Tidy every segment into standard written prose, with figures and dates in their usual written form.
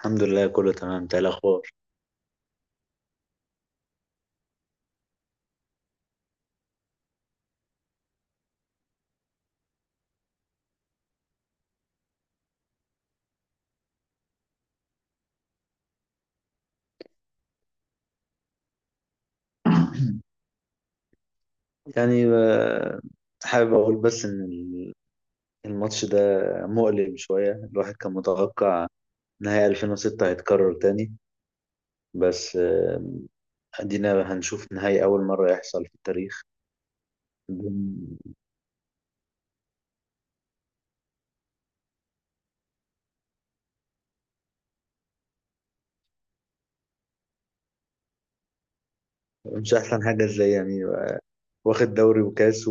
الحمد لله كله تمام. انت ايه الاخبار؟ يعني آه، حابب اقول بس الماتش ده مؤلم شويه. الواحد كان متوقع نهائي 2006 هيتكرر تاني، بس ادينا هنشوف نهائي اول مره يحصل في التاريخ. مش احسن حاجه ازاي يعني؟ واخد دوري وكاس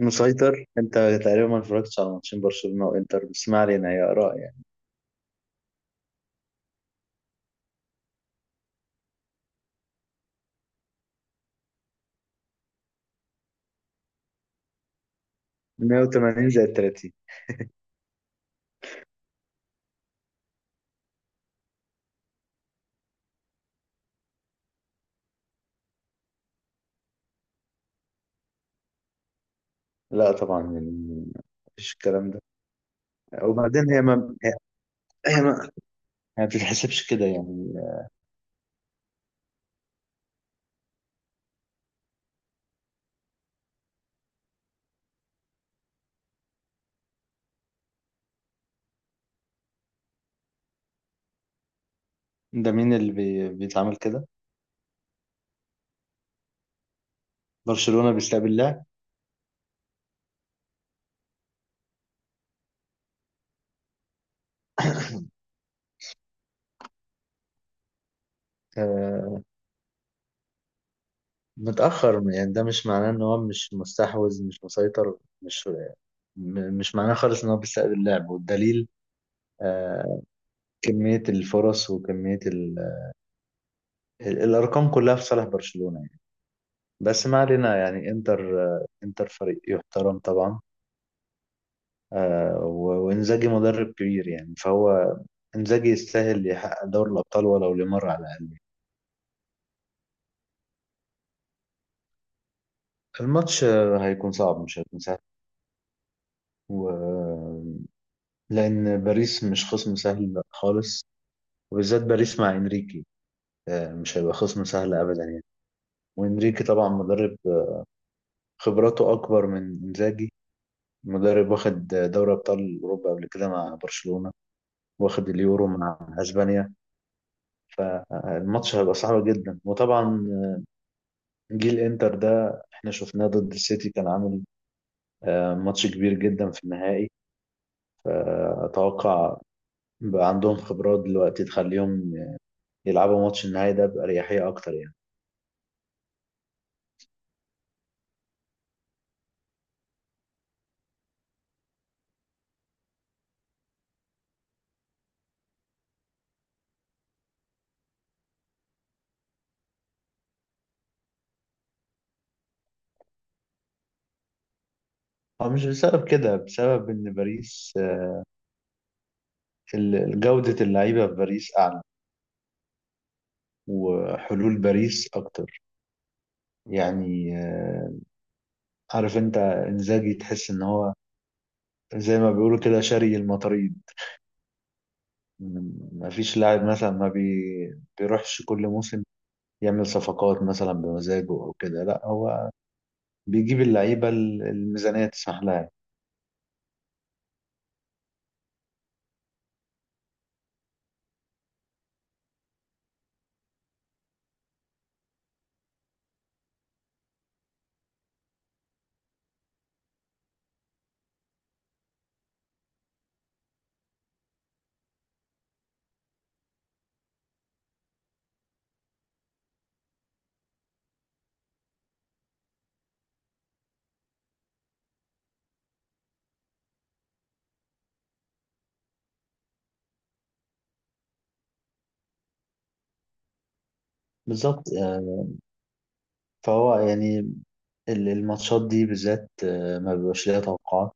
ومسيطر. انت تقريبا ما اتفرجتش على ماتشين برشلونه وانتر، بس ما علينا، هي اراء يعني. 180 زائد 30. لا طبعا يعني، مفيش الكلام ده. وبعدين هي ما هي ما بتتحسبش كده يعني. ده مين اللي بيتعامل كده؟ برشلونة بيستقبل اللاعب؟ آه، متأخر يعني ده مش معناه ان هو مش مستحوذ، مش مسيطر، مش معناه خالص ان هو بيستقبل اللاعب، والدليل آه، كمية الفرص الأرقام كلها في صالح برشلونة يعني. بس ما علينا يعني، انتر انتر فريق يحترم طبعا. وانزاجي مدرب كبير يعني، فهو انزاجي يستاهل يحقق دوري الأبطال ولو لمرة على الأقل. الماتش هيكون صعب، مش هيكون سهل. و... لأن باريس مش خصم سهل خالص، وبالذات باريس مع إنريكي مش هيبقى خصم سهل أبدا يعني. وإنريكي طبعا مدرب خبراته أكبر من إنزاجي. مدرب واخد دوري أبطال أوروبا قبل كده مع برشلونة، واخد اليورو مع أسبانيا. الماتش هيبقى صعب جدا، وطبعا جيل إنتر ده إحنا شفناه ضد السيتي كان عامل ماتش كبير جدا في النهائي، فأتوقع بقى عندهم خبرات دلوقتي تخليهم يلعبوا ماتش النهائي ده بأريحية أكتر يعني. هو مش بسبب كده، بسبب إن باريس جودة اللعيبة في باريس أعلى، وحلول باريس أكتر يعني. عارف أنت إنزاجي تحس إن هو زي ما بيقولوا كده شاري المطاريد. مفيش لاعب مثلا ما بي... بيروحش كل موسم يعمل صفقات مثلا بمزاجه أو كده. لا، هو بيجيب اللعيبة الميزانية تسمح لها يعني. بالظبط. فهو يعني الماتشات دي بالذات ما بيبقاش ليها توقعات،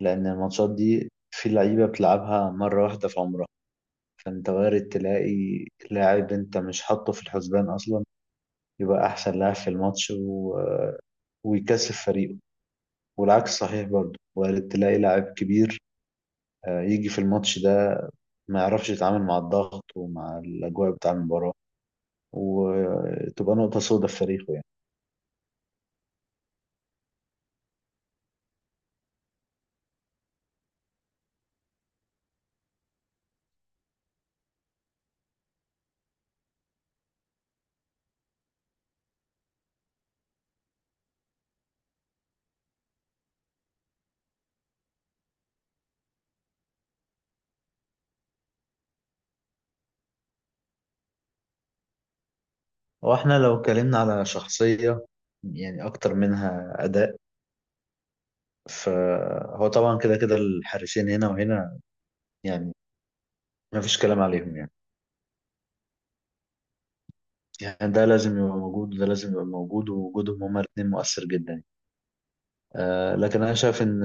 لأن الماتشات دي في لعيبة بتلعبها مرة واحدة في عمرها، فأنت وارد تلاقي لاعب أنت مش حاطه في الحسبان أصلا يبقى أحسن لاعب في الماتش و... آه، ويكسب فريقه. والعكس صحيح، برضه وارد تلاقي لاعب كبير يجي في الماتش ده ما يعرفش يتعامل مع الضغط ومع الأجواء بتاع المباراة، وتبقى نقطة سودة في تاريخه يعني. واحنا لو اتكلمنا على شخصية يعني أكتر منها أداء، فهو طبعا كده كده الحارسين هنا وهنا يعني ما فيش كلام عليهم يعني. يعني ده لازم يبقى موجود وده لازم يبقى موجود، ووجودهم هما الاثنين مؤثر جدا يعني. آه، لكن انا شايف ان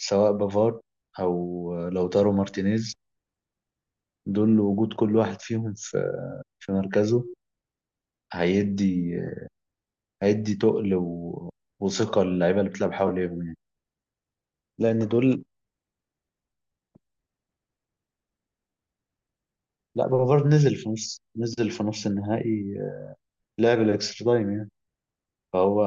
سواء بافارد او لوتارو مارتينيز، دول وجود كل واحد فيهم في في مركزه هيدي تقل وثقة للعيبة اللي بتلعب حواليهم يعني، لأن دول. لا، بافارد نزل في نص النهائي، لعب الإكسترا تايم يعني، فهو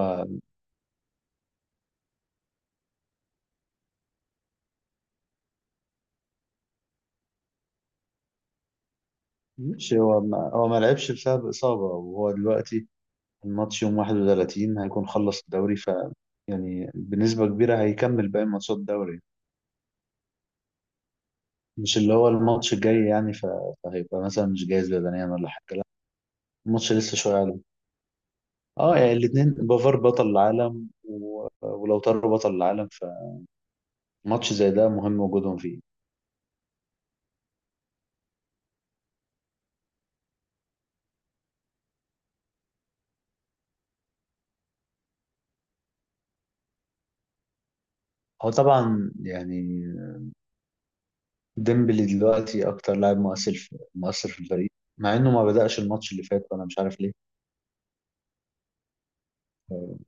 ماشي. هو ما هو ما لعبش بسبب إصابة، وهو دلوقتي الماتش يوم 31 هيكون خلص الدوري، ف يعني بنسبة كبيرة هيكمل باقي ماتشات الدوري، مش اللي هو الماتش الجاي يعني. فهيبقى مثلا مش جاهز بدنيا ولا حاجة. لا، الماتش لسه شوية عليه. اه يعني الاتنين، بافار بطل العالم ولو طاروا بطل العالم، فماتش زي ده مهم وجودهم فيه. هو طبعا يعني ديمبلي دلوقتي أكتر لاعب مؤثر مؤثر في الفريق، مع إنه ما بدأش الماتش اللي فات. وأنا مش عارف ليه.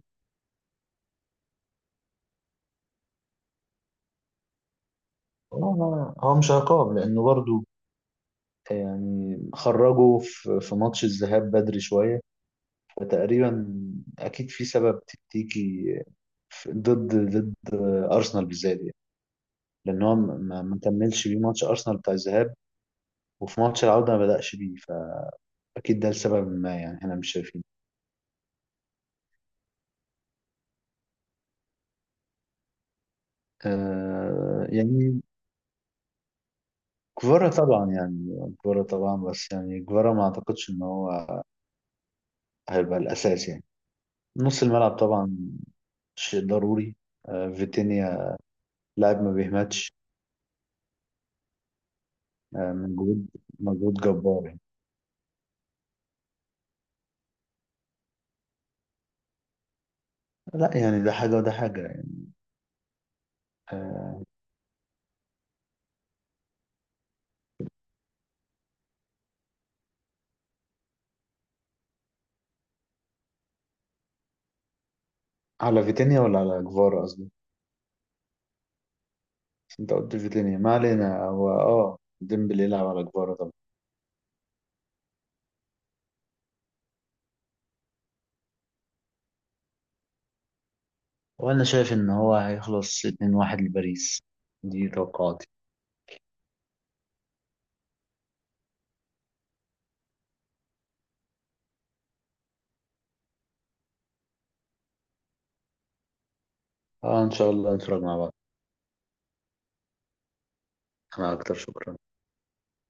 هو مش عقاب، لأنه برضو يعني خرجوا في في ماتش الذهاب بدري شوية. فتقريبا أكيد في سبب تكتيكي ضد أرسنال بالذات يعني، لأن هو ما كملش بيه ماتش أرسنال بتاع الذهاب، وفي ماتش العودة ما بدأش بيه، فأكيد ده لسبب ما يعني احنا مش شايفين. آه يعني كفارة طبعا يعني، كفارة طبعا، بس يعني كفارة ما أعتقدش إن هو هيبقى الأساس يعني. نص الملعب طبعا شيء ضروري. فيتينيا لاعب ما بيهمتش. مجهود جبار يعني. لا يعني ده حاجة وده حاجة يعني. آه، على فيتينيا ولا على جفارا قصدي. بس انت قلت فيتينيا، ما علينا. هو اه ديمبلي يلعب على جفارا طبعا. وانا شايف ان هو هيخلص 2-1 لباريس. دي توقعاتي. اه ان شاء الله نتفرج مع بعض. انا اكتر، شكرا.